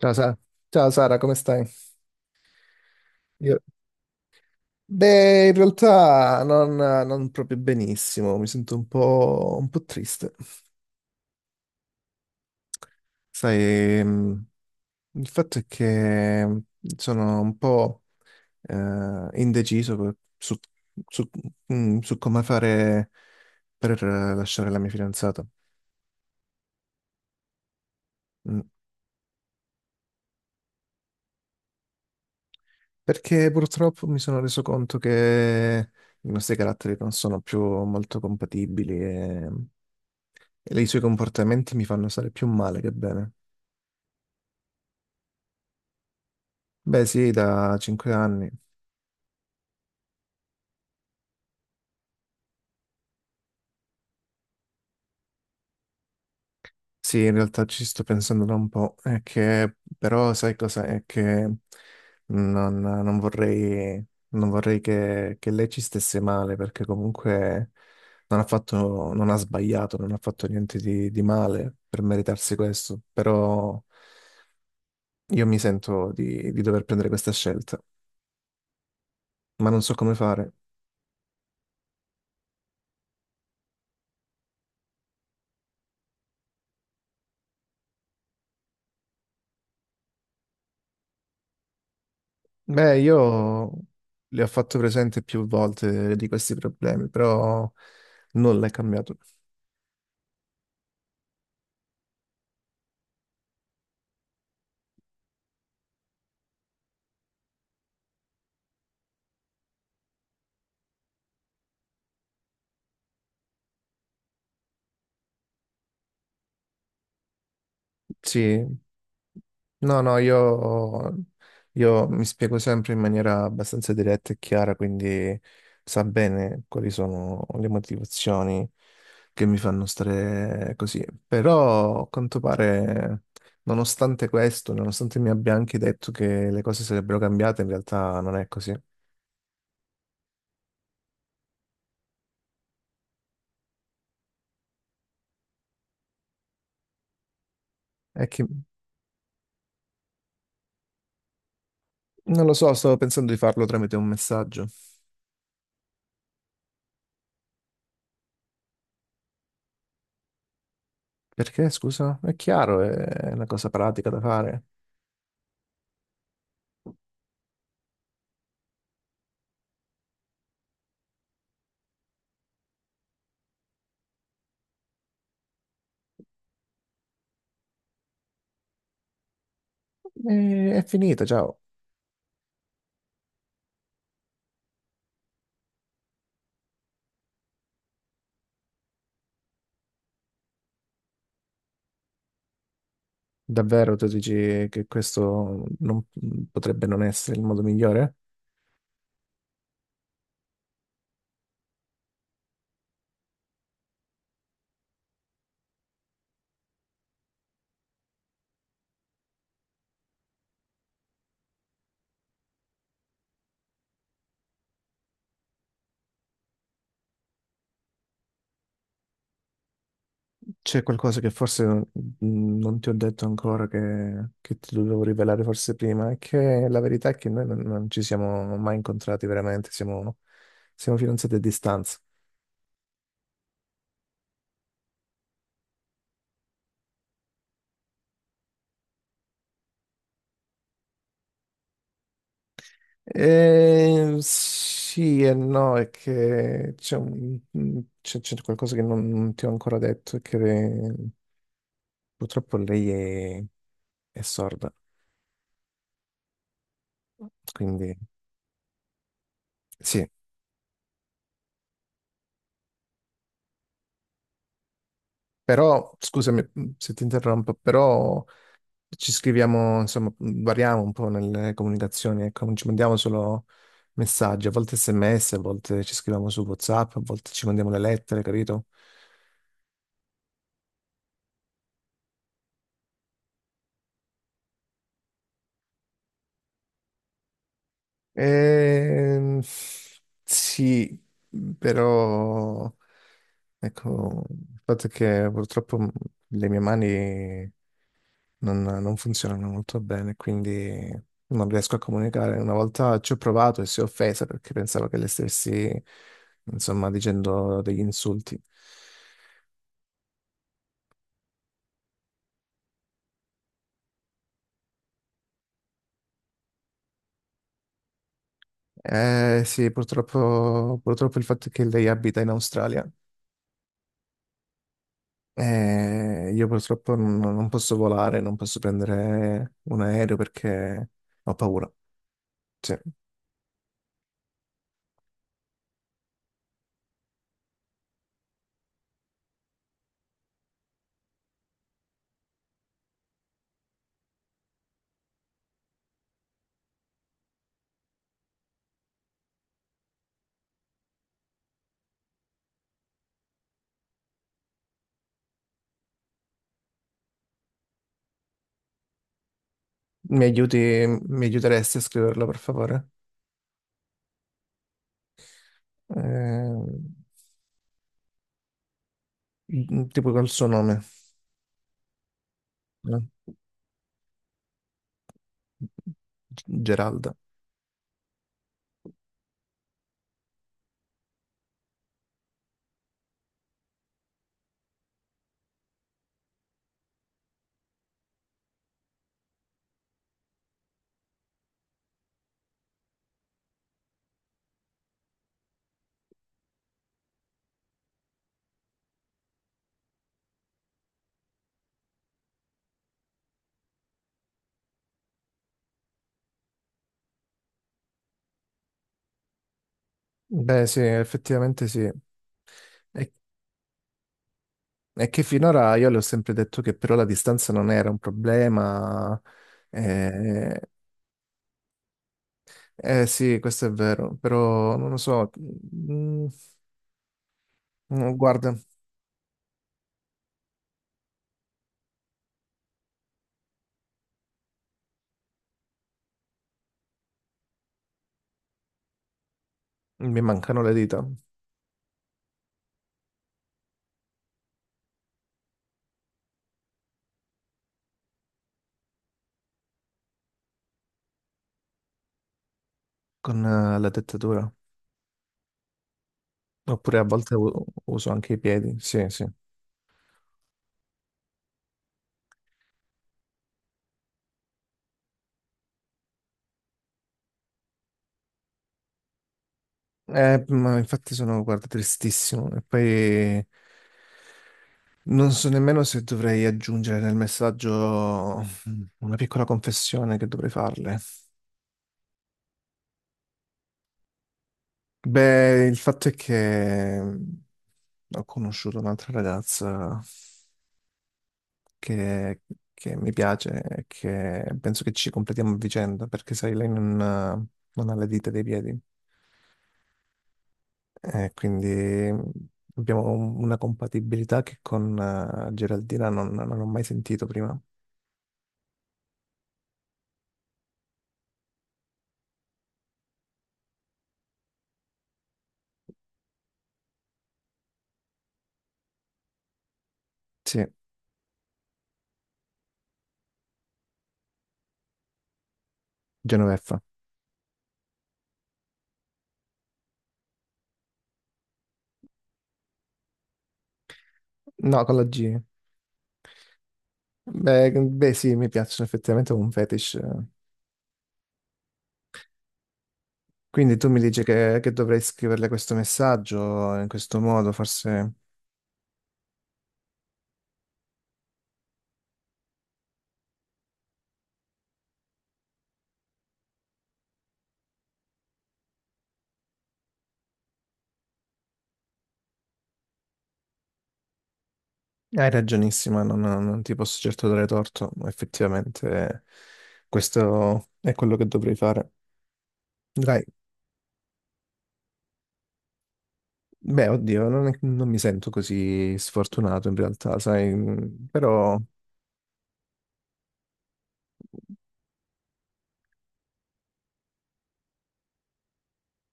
Ciao, Ciao Sara, come stai? Io- Beh, in realtà non proprio benissimo, mi sento un po' triste. Sai, il fatto è che sono un po' indeciso su, su- su come fare per lasciare la mia fidanzata. Mm, perché purtroppo mi sono reso conto che i nostri caratteri non sono più molto compatibili e i suoi comportamenti mi fanno stare più male che bene. Beh, sì, da cinque anni. Sì, in realtà ci sto pensando da un po'. È che, però, sai cosa? È che non vorrei, non vorrei che lei ci stesse male, perché comunque non ha sbagliato, non ha fatto niente di male per meritarsi questo. Però io mi sento di dover prendere questa scelta, ma non so come fare. Beh, io le ho fatto presente più volte di questi problemi, però nulla è cambiato. Sì, no, no, io mi spiego sempre in maniera abbastanza diretta e chiara, quindi sa bene quali sono le motivazioni che mi fanno stare così. Però, a quanto pare, nonostante questo, nonostante mi abbia anche detto che le cose sarebbero cambiate, in realtà non è così. È che non lo so, stavo pensando di farlo tramite un messaggio. Perché, scusa? È chiaro, è una cosa pratica da fare. E è finita, ciao. Davvero tu dici che questo potrebbe non essere il modo migliore? C'è qualcosa che forse non ti ho detto ancora che ti dovevo rivelare forse prima? È che la verità è che noi non ci siamo mai incontrati veramente, siamo, siamo fidanzati a distanza. Sì e no, è che c'è un- mm, c'è- c'è qualcosa che non ti ho ancora detto, è che purtroppo è sorda, quindi sì, però scusami se ti interrompo, però ci scriviamo, insomma, variamo un po' nelle comunicazioni, ecco, non ci mandiamo solo messaggi, a volte SMS, a volte ci scriviamo su WhatsApp, a volte ci mandiamo le lettere, capito? Ehm, sì, però ecco, il fatto è che purtroppo le mie mani non funzionano molto bene, quindi non riesco a comunicare. Una volta ci ho provato e si è offesa perché pensavo che le stessi, insomma, dicendo degli insulti. Eh sì, purtroppo il fatto è che lei abita in Australia. Io purtroppo non posso volare, non posso prendere un aereo perché ho paura. Sì. Mi aiuti, mi aiuteresti a scriverlo, per favore? Eh, tipo col suo nome, no? Geralda. Beh, sì, effettivamente sì. E è che finora io le ho sempre detto che però la distanza non era un problema. Eh, sì, questo è vero, però non lo so. Guarda, mi mancano le dita con la dettatura. Oppure a volte uso anche i piedi. Sì, sì. Ma infatti sono, guarda, tristissimo. E poi non so nemmeno se dovrei aggiungere nel messaggio una piccola confessione che dovrei farle. Beh, il fatto è che ho conosciuto un'altra ragazza che, che mi piace e che penso che ci completiamo a vicenda, perché sai, lei non ha le dita dei piedi. E quindi mh, abbiamo una compatibilità che con Geraldina non ho mai sentito prima. Sì, Genoveffa. No, con la G. Beh, beh, sì, mi piacciono effettivamente è un fetish. Eh. Quindi tu mi dici che dovrei scriverle questo messaggio in questo modo, forse hai ragionissima, non ti posso certo dare torto, effettivamente questo è quello che dovrei fare. Dai, beh, oddio, non mi sento così sfortunato in realtà, sai, però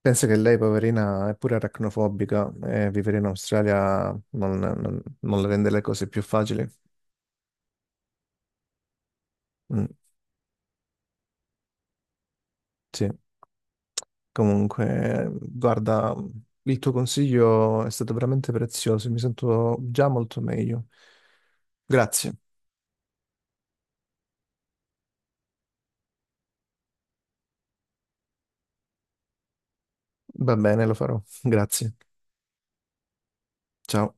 penso che lei, poverina, è pure aracnofobica e vivere in Australia non le rende le cose più facili. Mm, sì. Comunque, guarda, il tuo consiglio è stato veramente prezioso, mi sento già molto meglio. Grazie. Va bene, lo farò. Grazie. Ciao.